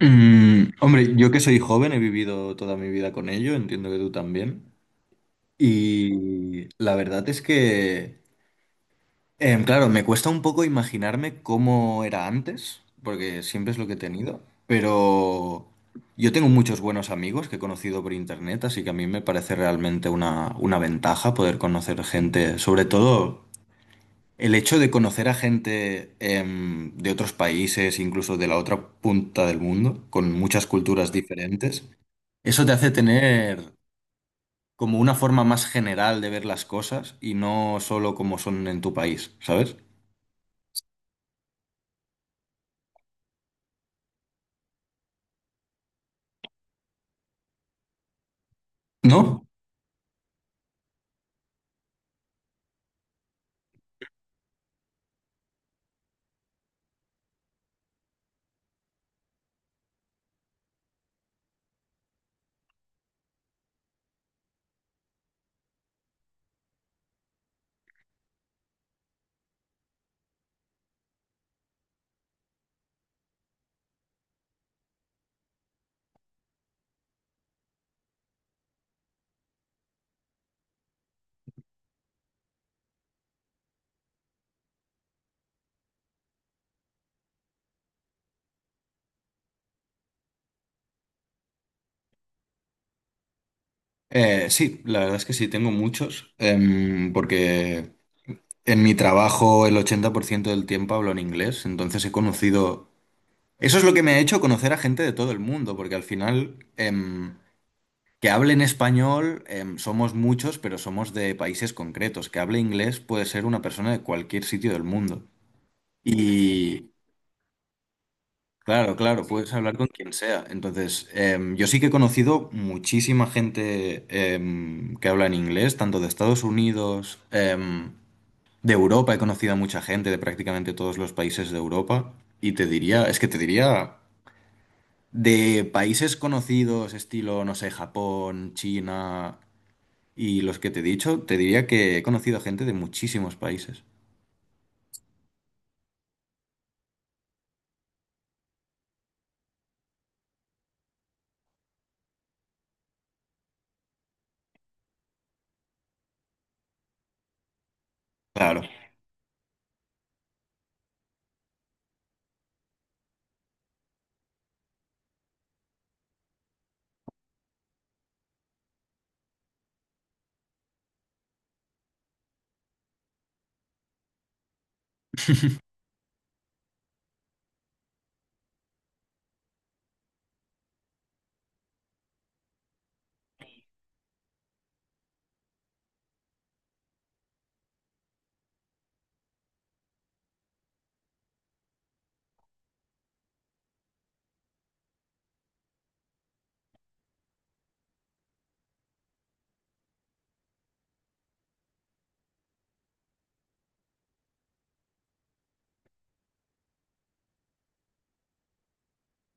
Mm, hombre, yo que soy joven he vivido toda mi vida con ello, entiendo que tú también. Y la verdad es que, claro, me cuesta un poco imaginarme cómo era antes, porque siempre es lo que he tenido, pero yo tengo muchos buenos amigos que he conocido por internet, así que a mí me parece realmente una ventaja poder conocer gente, sobre todo el hecho de conocer a gente de otros países, incluso de la otra punta del mundo, con muchas culturas diferentes. Eso te hace tener como una forma más general de ver las cosas y no solo como son en tu país, ¿sabes? ¿No? Sí, la verdad es que sí, tengo muchos, porque en mi trabajo el 80% del tiempo hablo en inglés, entonces he conocido... Eso es lo que me ha hecho conocer a gente de todo el mundo, porque al final que hable en español somos muchos, pero somos de países concretos. Que hable inglés puede ser una persona de cualquier sitio del mundo. Y, Claro, claro, sí, puedes hablar con quien sea. Entonces, yo sí que he conocido muchísima gente que habla en inglés, tanto de Estados Unidos, de Europa, he conocido a mucha gente de prácticamente todos los países de Europa. Y te diría, es que te diría, de países conocidos, estilo, no sé, Japón, China y los que te he dicho, te diría que he conocido a gente de muchísimos países. Claro.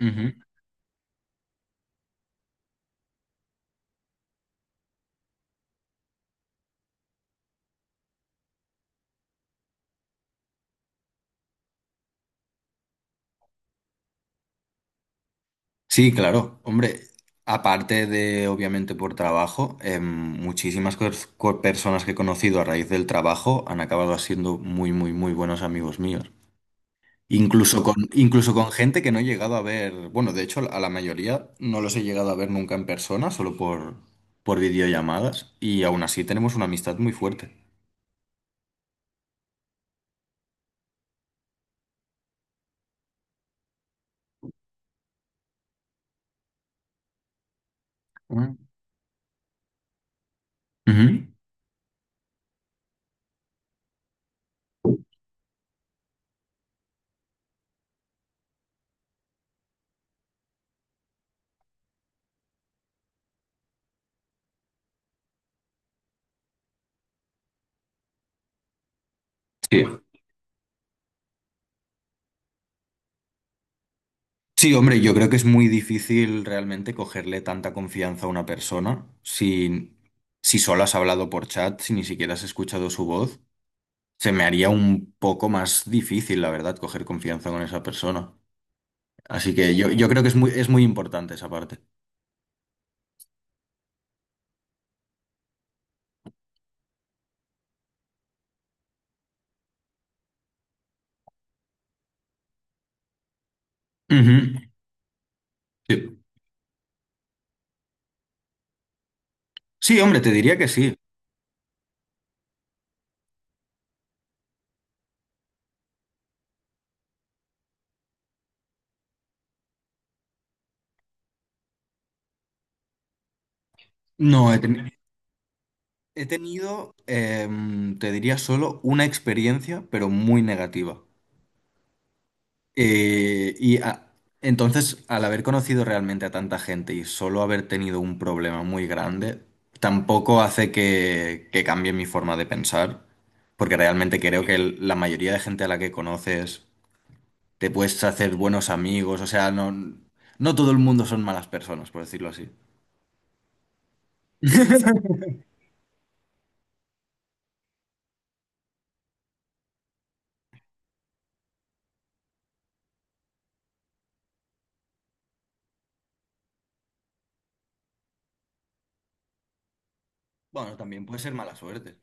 Ujú. Sí, claro. Hombre, aparte de, obviamente, por trabajo, muchísimas personas que he conocido a raíz del trabajo han acabado siendo muy, muy, muy buenos amigos míos. Incluso con gente que no he llegado a ver, bueno, de hecho, a la mayoría no los he llegado a ver nunca en persona, solo por videollamadas, y aún así tenemos una amistad muy fuerte. Mm. Ujú. Sí. Sí, hombre, yo creo que es muy difícil realmente cogerle tanta confianza a una persona si, si solo has hablado por chat, si ni siquiera has escuchado su voz. Se me haría un poco más difícil, la verdad, coger confianza con esa persona. Así que yo creo que es muy importante esa parte. Ujú. Sí. Sí, hombre, te diría que sí. No, he tenido, te diría solo una experiencia, pero muy negativa. Eh, y a- entonces, al haber conocido realmente a tanta gente y solo haber tenido un problema muy grande, tampoco hace que cambie mi forma de pensar, porque realmente creo que la mayoría de gente a la que conoces te puedes hacer buenos amigos, o sea, no, no todo el mundo son malas personas, por decirlo así. Bueno, también puede ser mala suerte.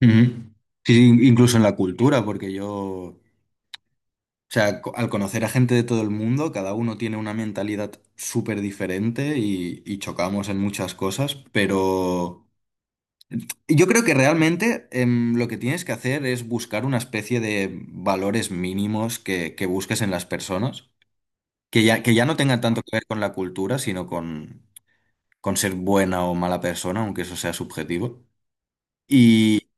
Ujú. Sí, sí, incluso en la cultura, porque yo... O sea, al conocer a gente de todo el mundo, cada uno tiene una mentalidad súper diferente y chocamos en muchas cosas, pero yo creo que realmente lo que tienes que hacer es buscar una especie de valores mínimos que busques en las personas, que ya no tengan tanto que ver con la cultura, sino con ser buena o mala persona, aunque eso sea subjetivo. Y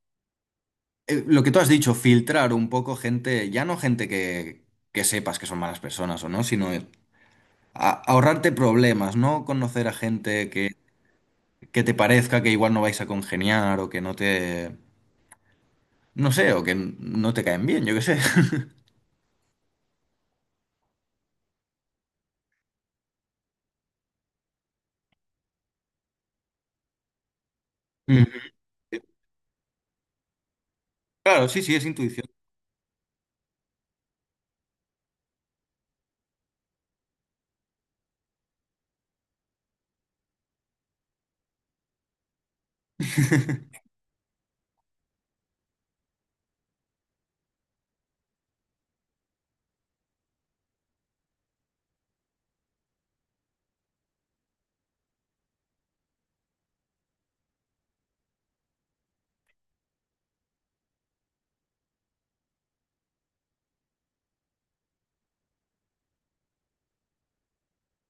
lo que tú has dicho, filtrar un poco gente, ya no gente que sepas que son malas personas o no, sino ahorrarte problemas, ¿no? Conocer a gente que te parezca que igual no vais a congeniar o que no te, no sé, o que no te caen bien, yo qué sé. Ujú. Claro, sí, sí, es intuición.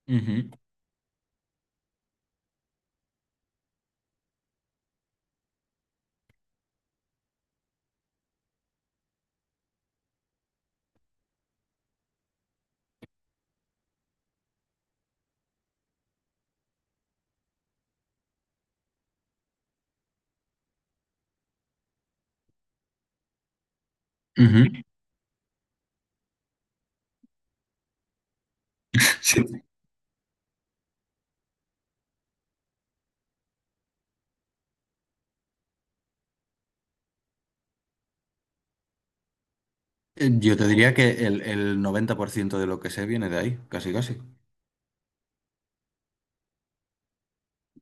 Ujú, ujú. Sí. Yo te diría que el 90% de lo que sé viene de ahí, casi casi.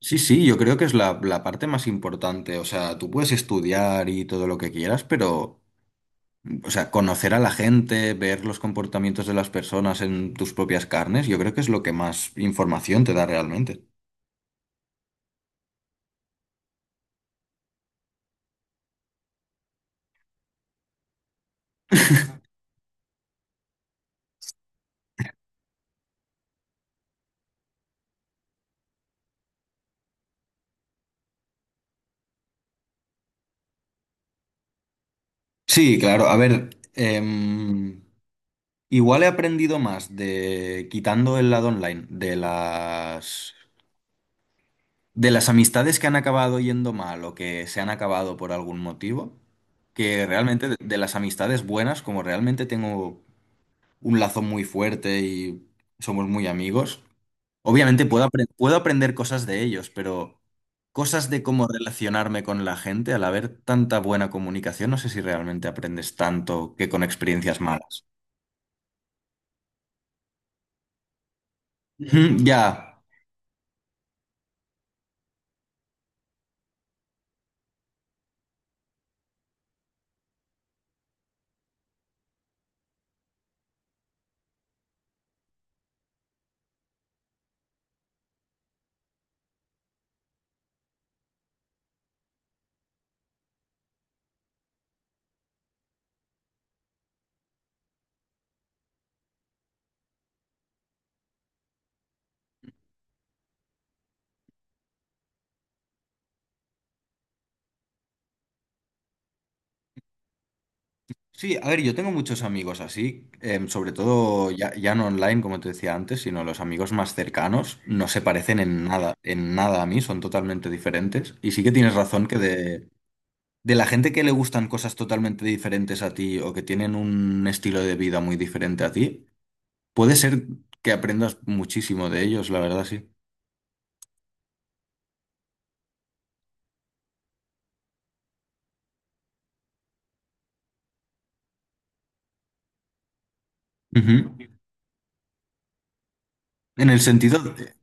Sí, sí, yo creo que es la parte más importante. O sea, tú puedes estudiar y todo lo que quieras, pero o sea, conocer a la gente, ver los comportamientos de las personas en tus propias carnes, yo creo que es lo que más información te da realmente. Sí, claro. A ver, igual he aprendido más de quitando el lado online, de las amistades que han acabado yendo mal o que se han acabado por algún motivo, que realmente de las amistades buenas, como realmente tengo un lazo muy fuerte y somos muy amigos, obviamente puedo, puedo aprender cosas de ellos, pero cosas de cómo relacionarme con la gente, al haber tanta buena comunicación, no sé si realmente aprendes tanto que con experiencias malas. Ujú, ya. Sí, a ver, yo tengo muchos amigos así, sobre todo ya, ya no online, como te decía antes, sino los amigos más cercanos, no se parecen en nada a mí, son totalmente diferentes. Y sí que tienes razón que de la gente que le gustan cosas totalmente diferentes a ti o que tienen un estilo de vida muy diferente a ti, puede ser que aprendas muchísimo de ellos, la verdad, sí. Ujú. En el sentido de...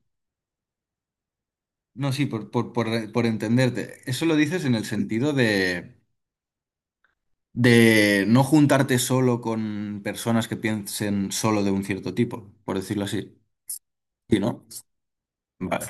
No, sí, por entenderte. Eso lo dices en el sentido de no juntarte solo con personas que piensen solo de un cierto tipo, por decirlo así. ¿Sí, no? Vale.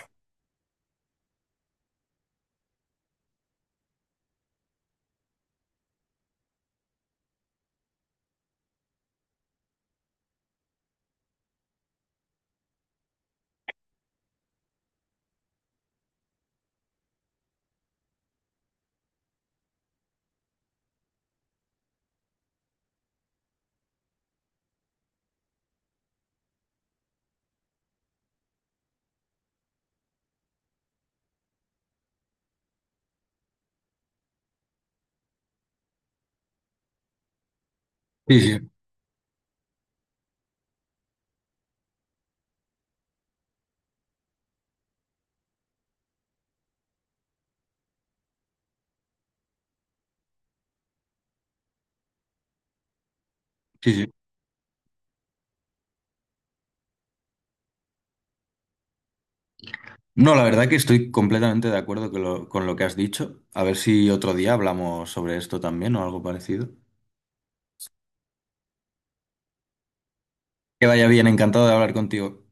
Sí, sí, sí, sí. No, la verdad que estoy completamente de acuerdo con lo que has dicho. A ver si otro día hablamos sobre esto también o algo parecido. Que vaya bien, encantado de hablar contigo.